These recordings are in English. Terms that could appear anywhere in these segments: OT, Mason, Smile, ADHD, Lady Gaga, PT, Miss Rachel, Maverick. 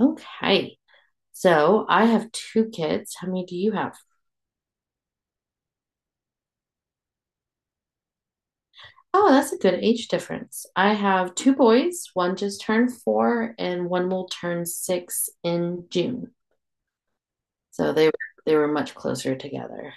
Okay. So I have two kids. How many do you have? Oh, that's a good age difference. I have two boys. One just turned four, and one will turn six in June. So they were much closer together.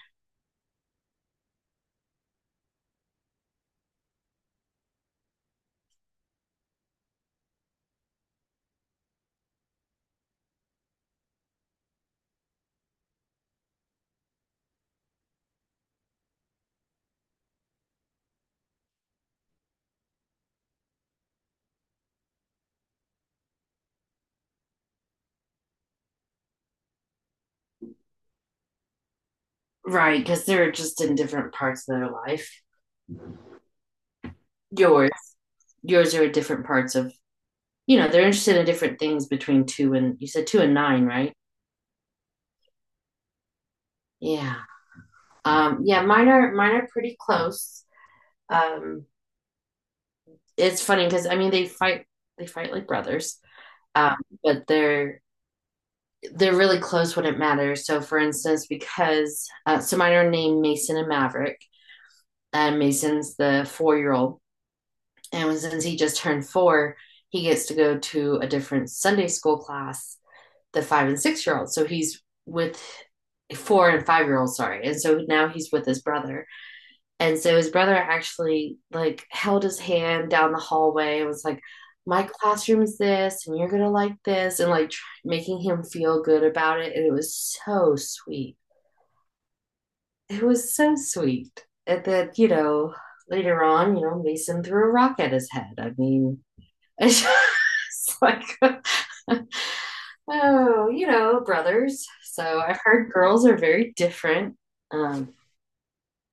Right, because they're just in different parts of their life. Yours, yours are different parts of, you know, they're interested in different things between two and you said two and nine, right? Yeah. Yeah, mine are pretty close. Um, it's funny because I mean they fight like brothers. um, but they're really close when it matters. So, for instance, because so mine are named Mason and Maverick, and Mason's the 4-year old, and since he just turned four, he gets to go to a different Sunday school class, the 5 and 6 year olds. So he's with 4 and 5 year olds, sorry, and so now he's with his brother. And so his brother actually like held his hand down the hallway and was like, "My classroom's this, and you're gonna like this," and like making him feel good about it. And it was so sweet. It was so sweet. And then later on, Mason threw a rock at his head. I mean, it's just like. Oh, you know, brothers. So I've heard girls are very different, um,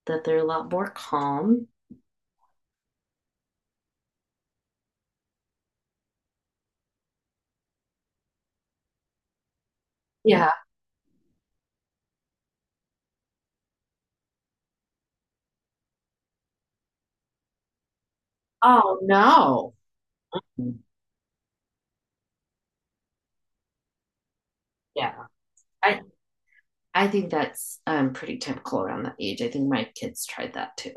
that they're a lot more calm. Yeah. Oh, no. Yeah, I I think that's pretty typical around that age. I think my kids tried that too.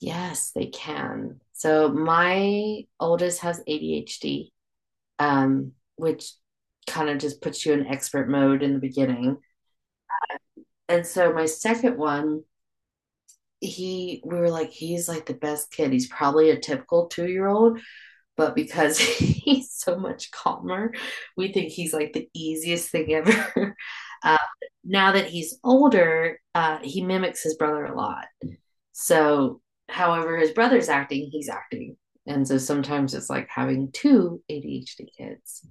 Yes, they can. So my oldest has ADHD, which kind of just puts you in expert mode in the beginning. And so my second one, he we were like, he's like the best kid. He's probably a typical two-year-old but because he's so much calmer, we think he's like the easiest thing ever. Uh, Now that he's older, he mimics his brother a lot. So, however, his brother's acting, he's acting. And so sometimes it's like having two ADHD kids.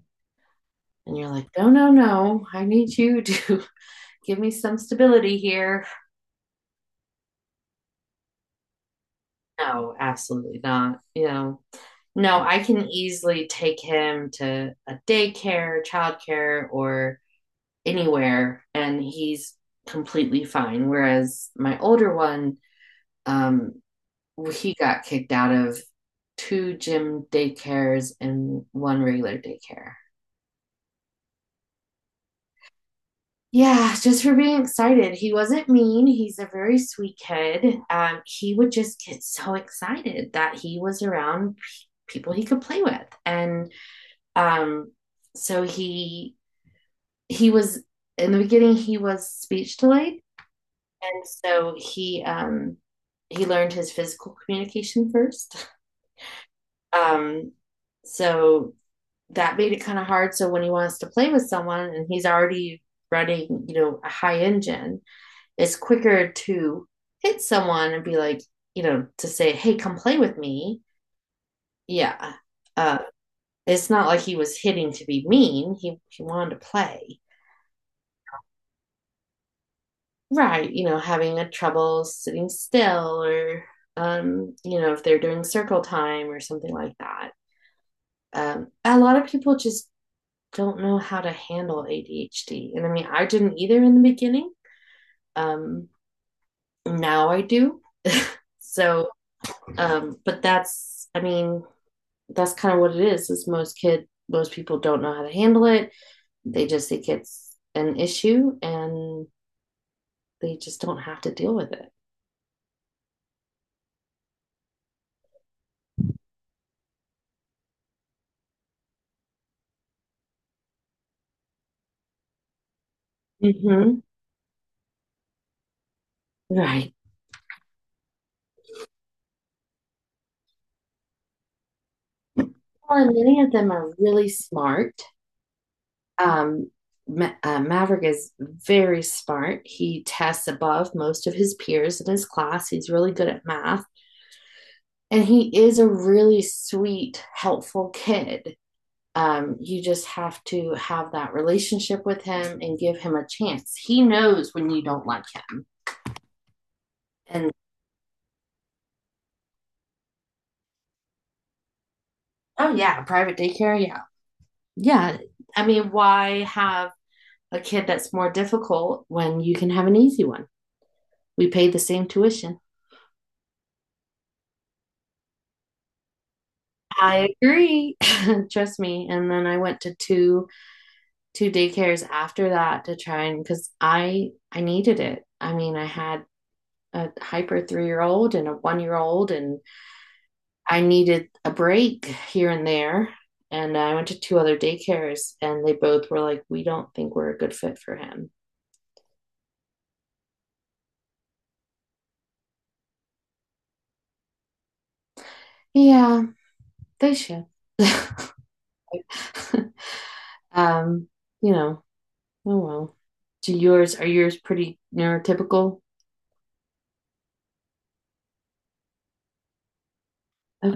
And you're like, no, no, no, I need you to give me some stability here. No, absolutely not. No, I can easily take him to a daycare, childcare, or anywhere and he's completely fine. Whereas my older one, um, he got kicked out of two gym daycares and one regular daycare. Yeah, just for being excited. He wasn't mean. He's a very sweet kid. He would just get so excited that he was around people he could play with, and um, so he was in the beginning he was speech delayed. And so he learned his physical communication first. Um, so that made it kind of hard. So when he wants to play with someone and he's already running, a high engine, it's quicker to hit someone and be like, to say, "Hey, come play with me." Yeah, uh, it's not like he was hitting to be mean. He wanted to play. Right, having a trouble sitting still or if they're doing circle time or something like that. A lot of people just don't know how to handle ADHD. And I mean, I didn't either in the beginning. Um, Now I do. So, but that's, I mean, that's kind of what it is most people don't know how to handle it. They just think it's an issue and they just don't have to deal with it. Hmm. Right. Well, and many of them are really smart. Um, Maverick is very smart. He tests above most of his peers in his class. He's really good at math. And he is a really sweet, helpful kid. You just have to have that relationship with him and give him a chance. He knows when you don't like him. And oh, yeah, private daycare. Yeah. Yeah. I mean, why have a kid that's more difficult when you can have an easy one? We pay the same tuition. I agree. Trust me. And then I went to two daycares after that to try and because I needed it. I mean, I had a hyper 3-year old and a 1-year old, and I needed a break here and there. And I went to two other daycares, and they both were like, "We don't think we're a good fit for him." Yeah, they should. um, you know. Oh well. Do yours? Are yours pretty neurotypical? Oh,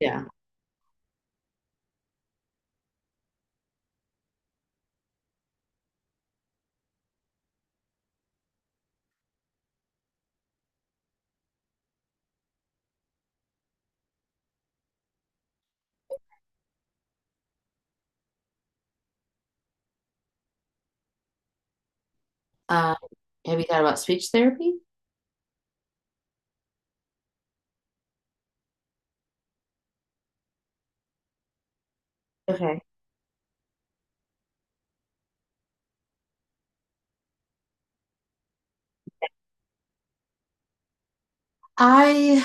yeah. Um, have you thought about speech therapy? Okay. I,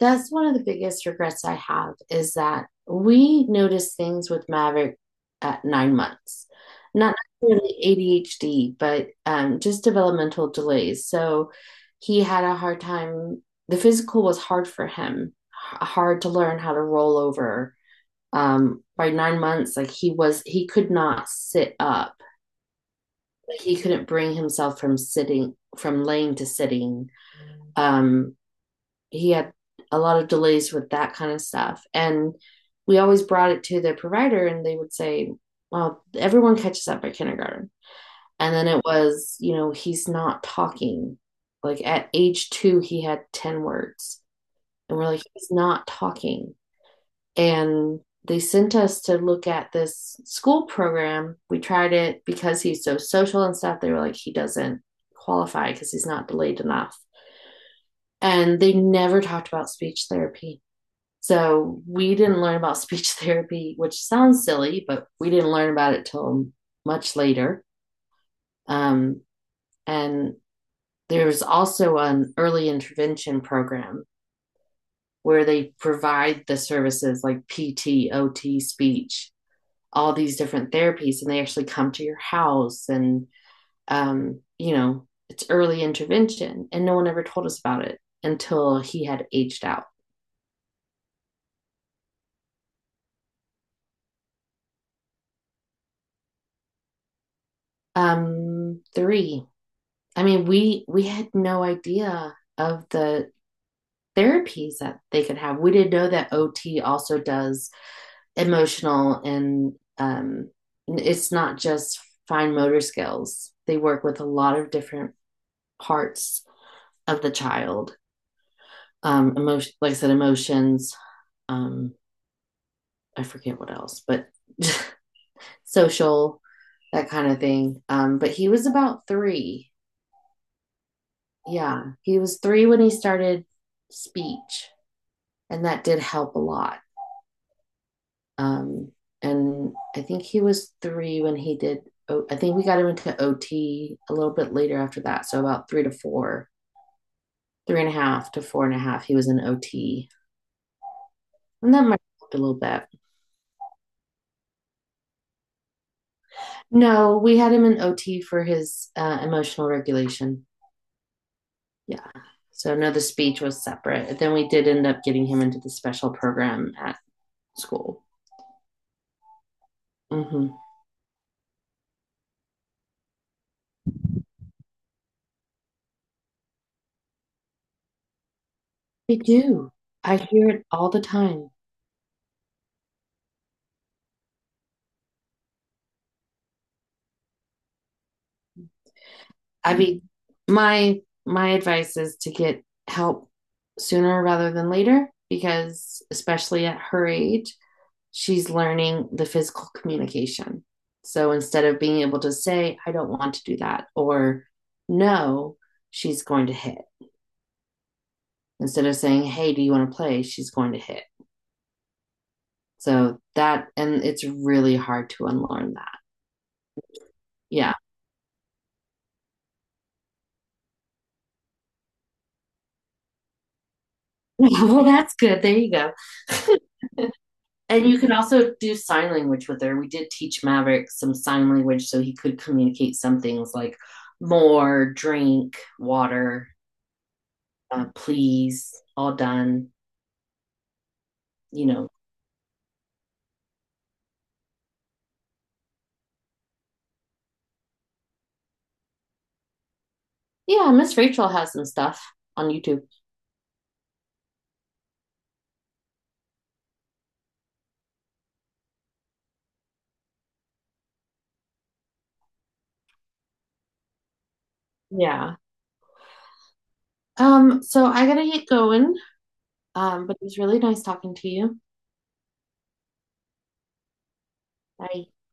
that's one of the biggest regrets I have is that we noticed things with Maverick at 9 months, not necessarily ADHD, but just developmental delays. So he had a hard time, the physical was hard for him, hard to learn how to roll over. By 9 months, like he could not sit up. He couldn't bring himself from laying to sitting, um, he had a lot of delays with that kind of stuff. And we always brought it to the provider, and they would say, "Well, everyone catches up by kindergarten." And then it was, he's not talking. Like at age two, he had 10 words. And we're like, "He's not talking." And they sent us to look at this school program. We tried it because he's so social and stuff. They were like, "He doesn't qualify because he's not delayed enough." And they never talked about speech therapy. So we didn't learn about speech therapy, which sounds silly, but we didn't learn about it till much later. Um, and there's also an early intervention program where they provide the services like PT, OT, speech, all these different therapies, and they actually come to your house and it's early intervention, and no one ever told us about it until he had aged out. Three. I mean, we had no idea of the therapies that they could have. We didn't know that OT also does emotional and it's not just fine motor skills. They work with a lot of different parts of the child. Emotion, like I said, emotions. Um, I forget what else, but social, that kind of thing. But he was about three. Yeah, he was three when he started speech, and that did help a lot. Um, and I think he was three when he did. Oh, I think we got him into OT a little bit later after that, so about three to four, three and a half to four and a half. He was in OT, and that might have helped a little bit. No, we had him in OT for his emotional regulation. Yeah. So no, the speech was separate. Then we did end up getting him into the special program at school. Hmm. We do. I hear it all the time. I mean, my my advice is to get help sooner rather than later because especially at her age she's learning the physical communication. So instead of being able to say, I don't want to do that, or no, she's going to hit. Instead of saying, hey, do you want to play? She's going to hit. So that, and it's really hard to unlearn that. Yeah. Well, that's good. There you go. And you can also do sign language with her. We did teach Maverick some sign language so he could communicate some things like more, drink, water, please, all done, you know, Yeah, Miss Rachel has some stuff on YouTube. Yeah. So I gotta get going. But it was really nice talking to you. Bye.